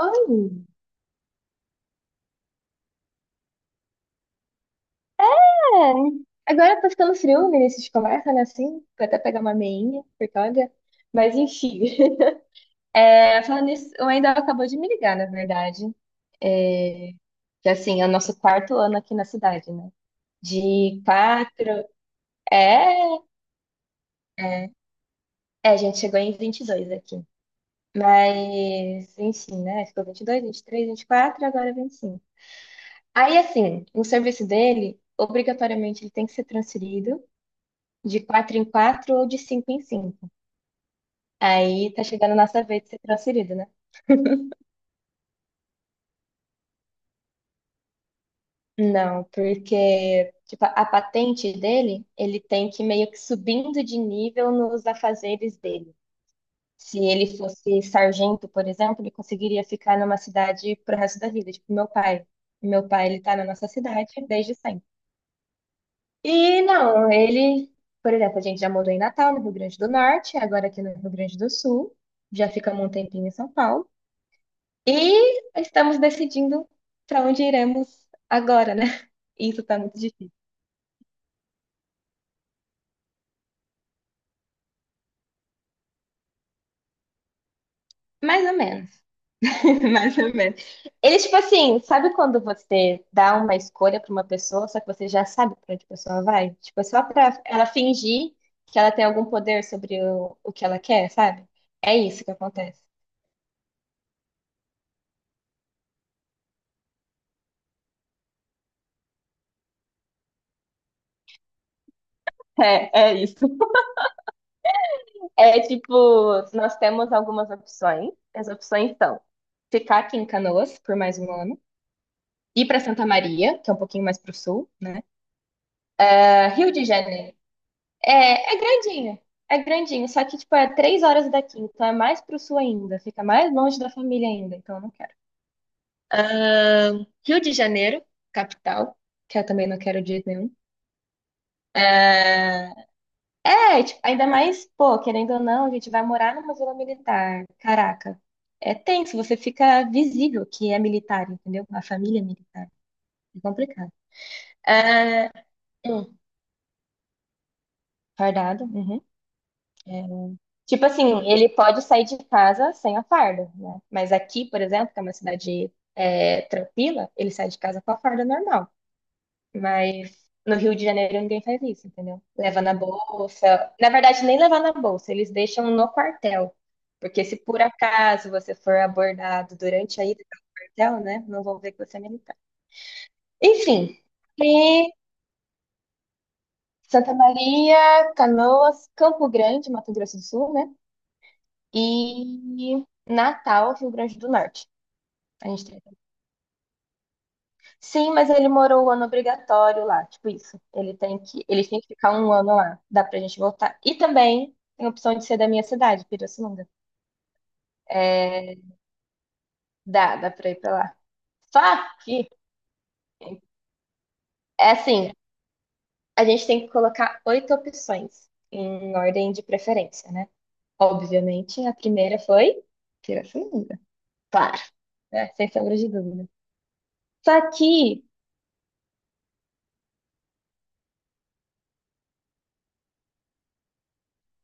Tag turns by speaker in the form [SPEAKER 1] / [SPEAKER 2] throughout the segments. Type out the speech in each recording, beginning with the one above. [SPEAKER 1] Oi. É, agora tá ficando frio no início de conversa, né? Assim, vou até pegar uma meinha, porque olha. Mas enfim. É, falando nisso, o Wendel acabou de me ligar, na verdade. É, que assim, é o nosso quarto ano aqui na cidade, né? De quatro. É, é. É, a gente chegou em 22 aqui. Mas, enfim, né? Ficou vinte e dois, vinte e três, vinte e quatro, agora 25. Aí, assim, o serviço dele, obrigatoriamente, ele tem que ser transferido, de quatro em quatro ou de cinco em cinco. Aí tá chegando a nossa vez de ser transferido, né? Não, porque tipo, a patente dele, ele tem que meio que subindo de nível nos afazeres dele. Se ele fosse sargento, por exemplo, ele conseguiria ficar numa cidade pro resto da vida, tipo meu pai. Meu pai, ele tá na nossa cidade desde sempre. E não, ele, por exemplo, a gente já mudou em Natal, no Rio Grande do Norte, agora aqui no Rio Grande do Sul, já ficamos um tempinho em São Paulo. E estamos decidindo para onde iremos agora, né? Isso tá muito difícil. Mais ou menos. Mais ou menos. Ele, tipo assim, sabe quando você dá uma escolha para uma pessoa, só que você já sabe para onde a pessoa vai? Tipo, é só para ela fingir que ela tem algum poder sobre o que ela quer, sabe? É isso que acontece. É, é isso. É tipo, nós temos algumas opções. As opções são ficar aqui em Canoas por mais um ano, ir para Santa Maria, que é um pouquinho mais pro sul, né? É, Rio de Janeiro. É, é grandinho. É grandinho. Só que, tipo, é 3 horas daqui. Então é mais pro sul ainda. Fica mais longe da família ainda. Então eu não quero. Rio de Janeiro, capital. Que eu também não quero de jeito nenhum. É, tipo, ainda mais, pô, querendo ou não, a gente vai morar numa zona militar. Caraca. É tenso. Você fica visível que é militar, entendeu? A família é militar. É complicado. É, hum, fardado. Uhum. Tipo assim, ele pode sair de casa sem a farda, né? Mas aqui, por exemplo, que é uma cidade é, tranquila, ele sai de casa com a farda normal. Mas no Rio de Janeiro ninguém faz isso, entendeu? Leva na bolsa. Na verdade, nem levar na bolsa, eles deixam no quartel. Porque se por acaso você for abordado durante a ida para o quartel, né? Não vão ver que você é militar. Enfim, e Santa Maria, Canoas, Campo Grande, Mato Grosso do Sul, né? E Natal, Rio Grande do Norte. A gente tem. Sim, mas ele morou o ano obrigatório lá, tipo isso. Ele tem que ficar um ano lá. Dá pra gente voltar. E também tem a opção de ser da minha cidade, Pirassununga. É, dá pra ir pra lá. Só que, é assim, a gente tem que colocar oito opções em ordem de preferência, né? Obviamente, a primeira foi Pirassununga. Claro, né? Sem sombra de dúvida. Só que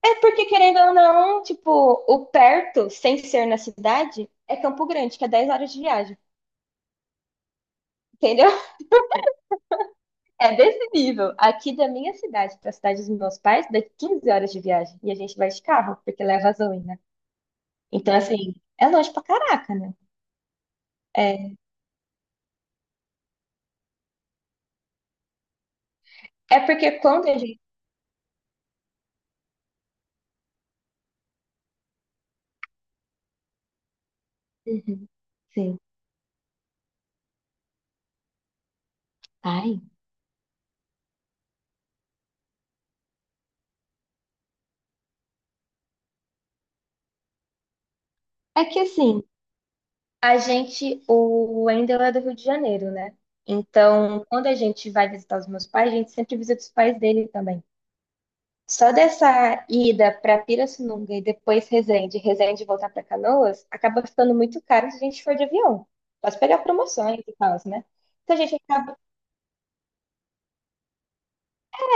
[SPEAKER 1] É porque, querendo ou não, tipo, o perto, sem ser na cidade, é Campo Grande, que é 10 horas de viagem. Entendeu? É desse nível. Aqui da minha cidade para a cidade dos meus pais, dá 15 horas de viagem. E a gente vai de carro, porque leva a Zoe, né? Então, assim, é longe pra caraca, né? É, é porque quando a gente. Uhum, sim. Ai. É que assim, a gente. O Wendel é do Rio de Janeiro, né? Então, quando a gente vai visitar os meus pais, a gente sempre visita os pais dele também. Só dessa ida para Pirassununga e depois Resende, Resende voltar para Canoas, acaba ficando muito caro se a gente for de avião. Pode pegar promoções e tal, né? Então a gente acaba.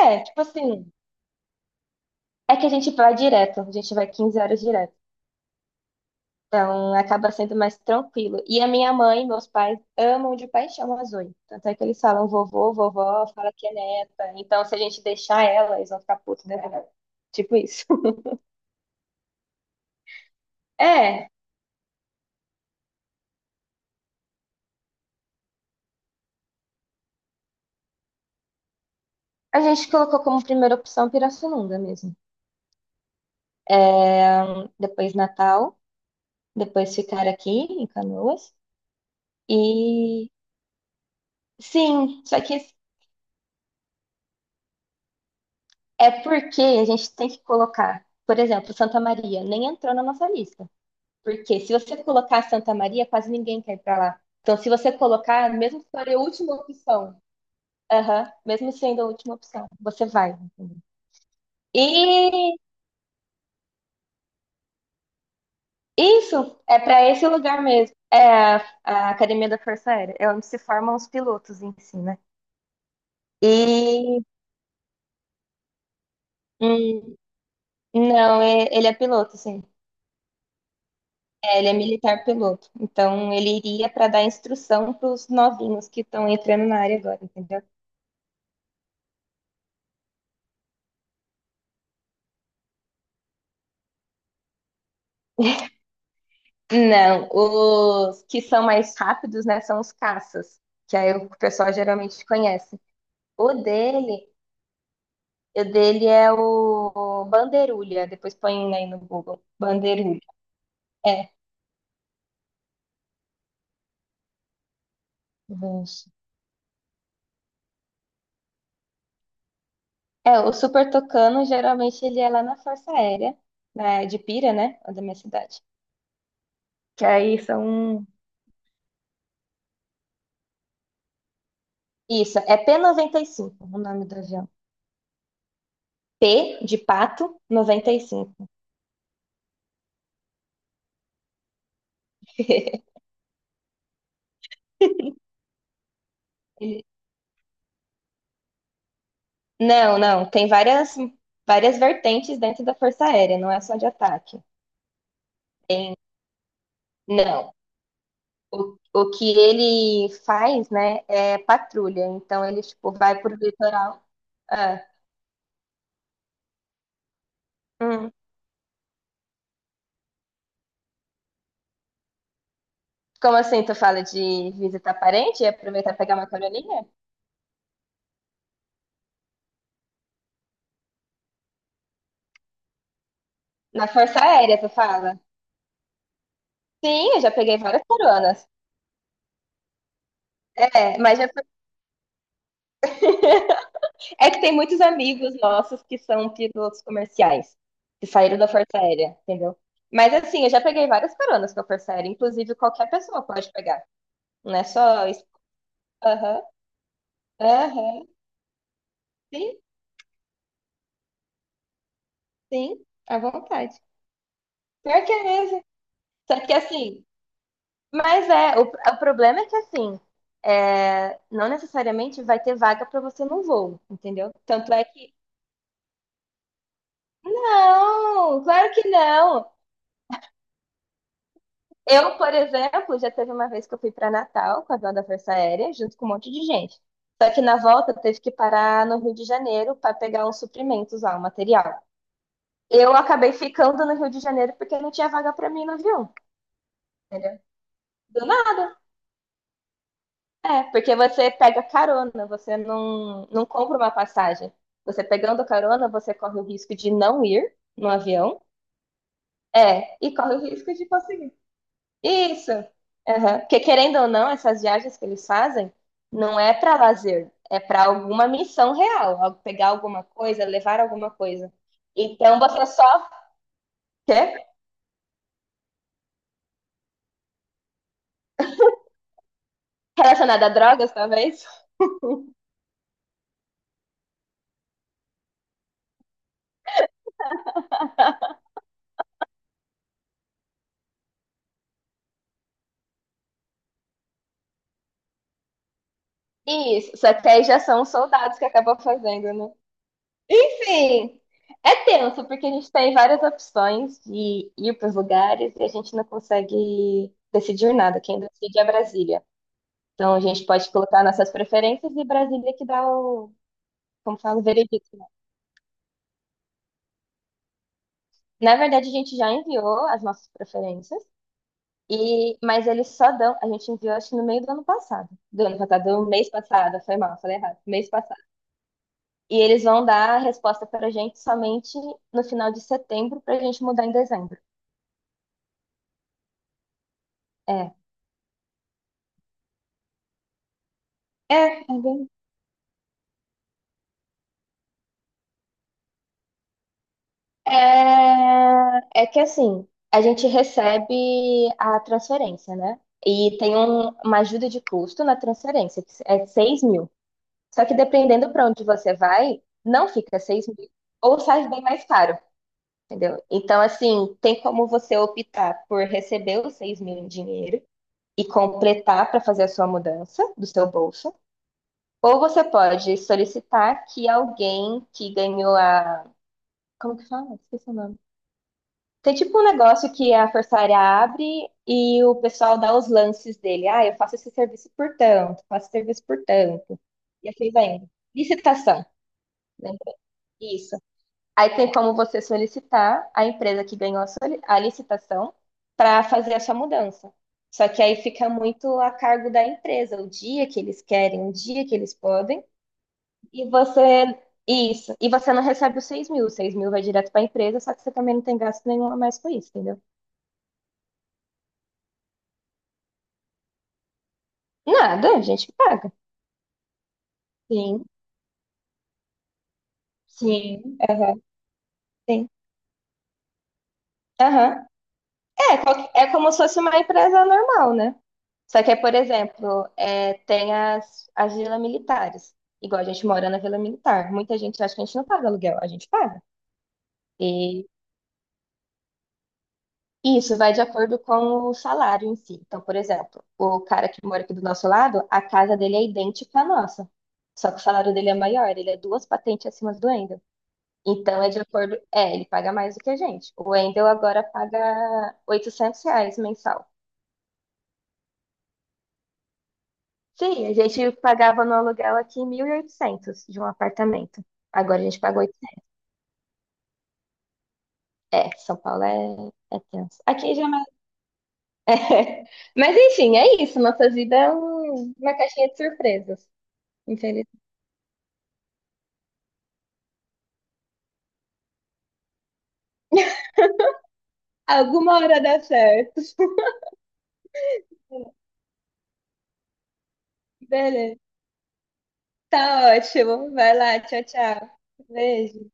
[SPEAKER 1] É, tipo assim. É que a gente vai direto, a gente vai 15 horas direto. Então acaba sendo mais tranquilo. E a minha mãe e meus pais amam de paixão a Zoe. Tanto é que eles falam vovô, vovó, fala que é neta. Então se a gente deixar ela, eles vão ficar putos, né? Tipo isso. É, a gente colocou como primeira opção Pirassununga mesmo. Depois Natal, depois ficar aqui em Canoas. E sim, só que é porque a gente tem que colocar, por exemplo, Santa Maria nem entrou na nossa lista. Porque se você colocar Santa Maria, quase ninguém quer ir para lá. Então, se você colocar, mesmo se for a última opção, aham, mesmo sendo a última opção, você vai, entendeu? E isso é para esse lugar mesmo. É a, a Academia da Força Aérea, é onde se formam os pilotos em si, né? E hum, Não, ele é piloto, sim. É, ele é militar piloto. Então, ele iria para dar instrução para os novinhos que estão entrando na área agora, entendeu? Não, os que são mais rápidos, né, são os caças, que aí o pessoal geralmente conhece. O dele, o dele é o Bandeirulha, depois põe aí no Google, Bandeirulha. É, vixe. É, o Super Tucano, geralmente ele é lá na Força Aérea, né, de Pira, né, da minha cidade. Que aí são. Isso, é p noventa e cinco, o nome do avião. P de pato 95. Ele- Não, não, tem várias vertentes dentro da Força Aérea, não é só de ataque. Não. O que ele faz, né, é patrulha. Então ele tipo vai pro litoral. Ah, hum. Como assim tu fala de visitar parente e aproveitar e pegar uma carolinha? Na Força Aérea tu fala? Sim, eu já peguei várias coronas. É, mas já fui. É que tem muitos amigos nossos que são pilotos comerciais, que saíram da Força Aérea, entendeu? Mas assim, eu já peguei várias caronas com a Força Aérea, inclusive qualquer pessoa pode pegar. Não é só isso. Aham, aham, sim, sim, à vontade. Pior que é mesmo. Só que assim, mas é, o problema é que assim, é, não necessariamente vai ter vaga para você no voo, entendeu? Tanto é que. Não, claro que não. Eu, por exemplo, já teve uma vez que eu fui para Natal com a avião da Força Aérea, junto com um monte de gente. Só que na volta teve que parar no Rio de Janeiro para pegar uns suprimentos lá, um material. Eu acabei ficando no Rio de Janeiro porque não tinha vaga para mim no avião, entendeu? Do nada. É, porque você pega carona, você não compra uma passagem. Você pegando carona, você corre o risco de não ir no avião. É, e corre o risco de conseguir. Isso. Aham. Porque querendo ou não, essas viagens que eles fazem não é para lazer, é para alguma missão real, pegar alguma coisa, levar alguma coisa. Então você só quer relacionada a drogas, talvez? Isso, só que aí já são os soldados que acabam fazendo, né? Enfim, é tenso porque a gente tem várias opções de ir para os lugares e a gente não consegue decidir nada. Quem decide é Brasília. Então a gente pode colocar nossas preferências e Brasília que dá o como fala, veredito, né? Na verdade, a gente já enviou as nossas preferências, e mas eles só dão. A gente enviou, acho que no meio do ano passado. Do ano passado, do mês passado, foi mal, falei errado. Mês passado. E eles vão dar a resposta pra gente somente no final de setembro, pra gente mudar em dezembro. É. É, é, bem- É, é que assim, a gente recebe a transferência, né? E tem uma ajuda de custo na transferência, que é 6.000. Só que dependendo para onde você vai, não fica 6.000 ou sai bem mais caro, entendeu? Então, assim, tem como você optar por receber os 6.000 em dinheiro e completar para fazer a sua mudança do seu bolso, ou você pode solicitar que alguém que ganhou a. Como que fala? Esqueci o nome. Tem tipo um negócio que a Força Aérea abre e o pessoal dá os lances dele. Ah, eu faço esse serviço por tanto, faço esse serviço por tanto. E assim vai indo. Licitação. Lembra? Isso. Aí tem como você solicitar a empresa que ganhou a licitação para fazer a sua mudança. Só que aí fica muito a cargo da empresa, o dia que eles querem, o dia que eles podem, e você. Isso. E você não recebe os 6.000. Os 6 mil vai direto para a empresa, só que você também não tem gasto nenhum a mais com isso, entendeu? Nada, a gente paga. Sim, sim, aham, sim. Aham. É, é como se fosse uma empresa normal, né? Só que, é, por exemplo, é, tem as vilas militares. Igual a gente mora na vila militar. Muita gente acha que a gente não paga aluguel, a gente paga. E isso vai de acordo com o salário em si. Então, por exemplo, o cara que mora aqui do nosso lado, a casa dele é idêntica à nossa. Só que o salário dele é maior, ele é duas patentes acima do Wendel. Então, é de acordo. É, ele paga mais do que a gente. O Wendel agora paga R$ 800 mensal. Sim, a gente pagava no aluguel aqui 1.800 de um apartamento. Agora a gente pagou 800. É, São Paulo é, é tenso. Aqui já é mais... É. Mas enfim, é isso. Nossa vida é uma caixinha de surpresas. Infelizmente. Alguma hora dá certo. Beleza. Tá ótimo. Vai lá. Tchau, tchau. Beijo.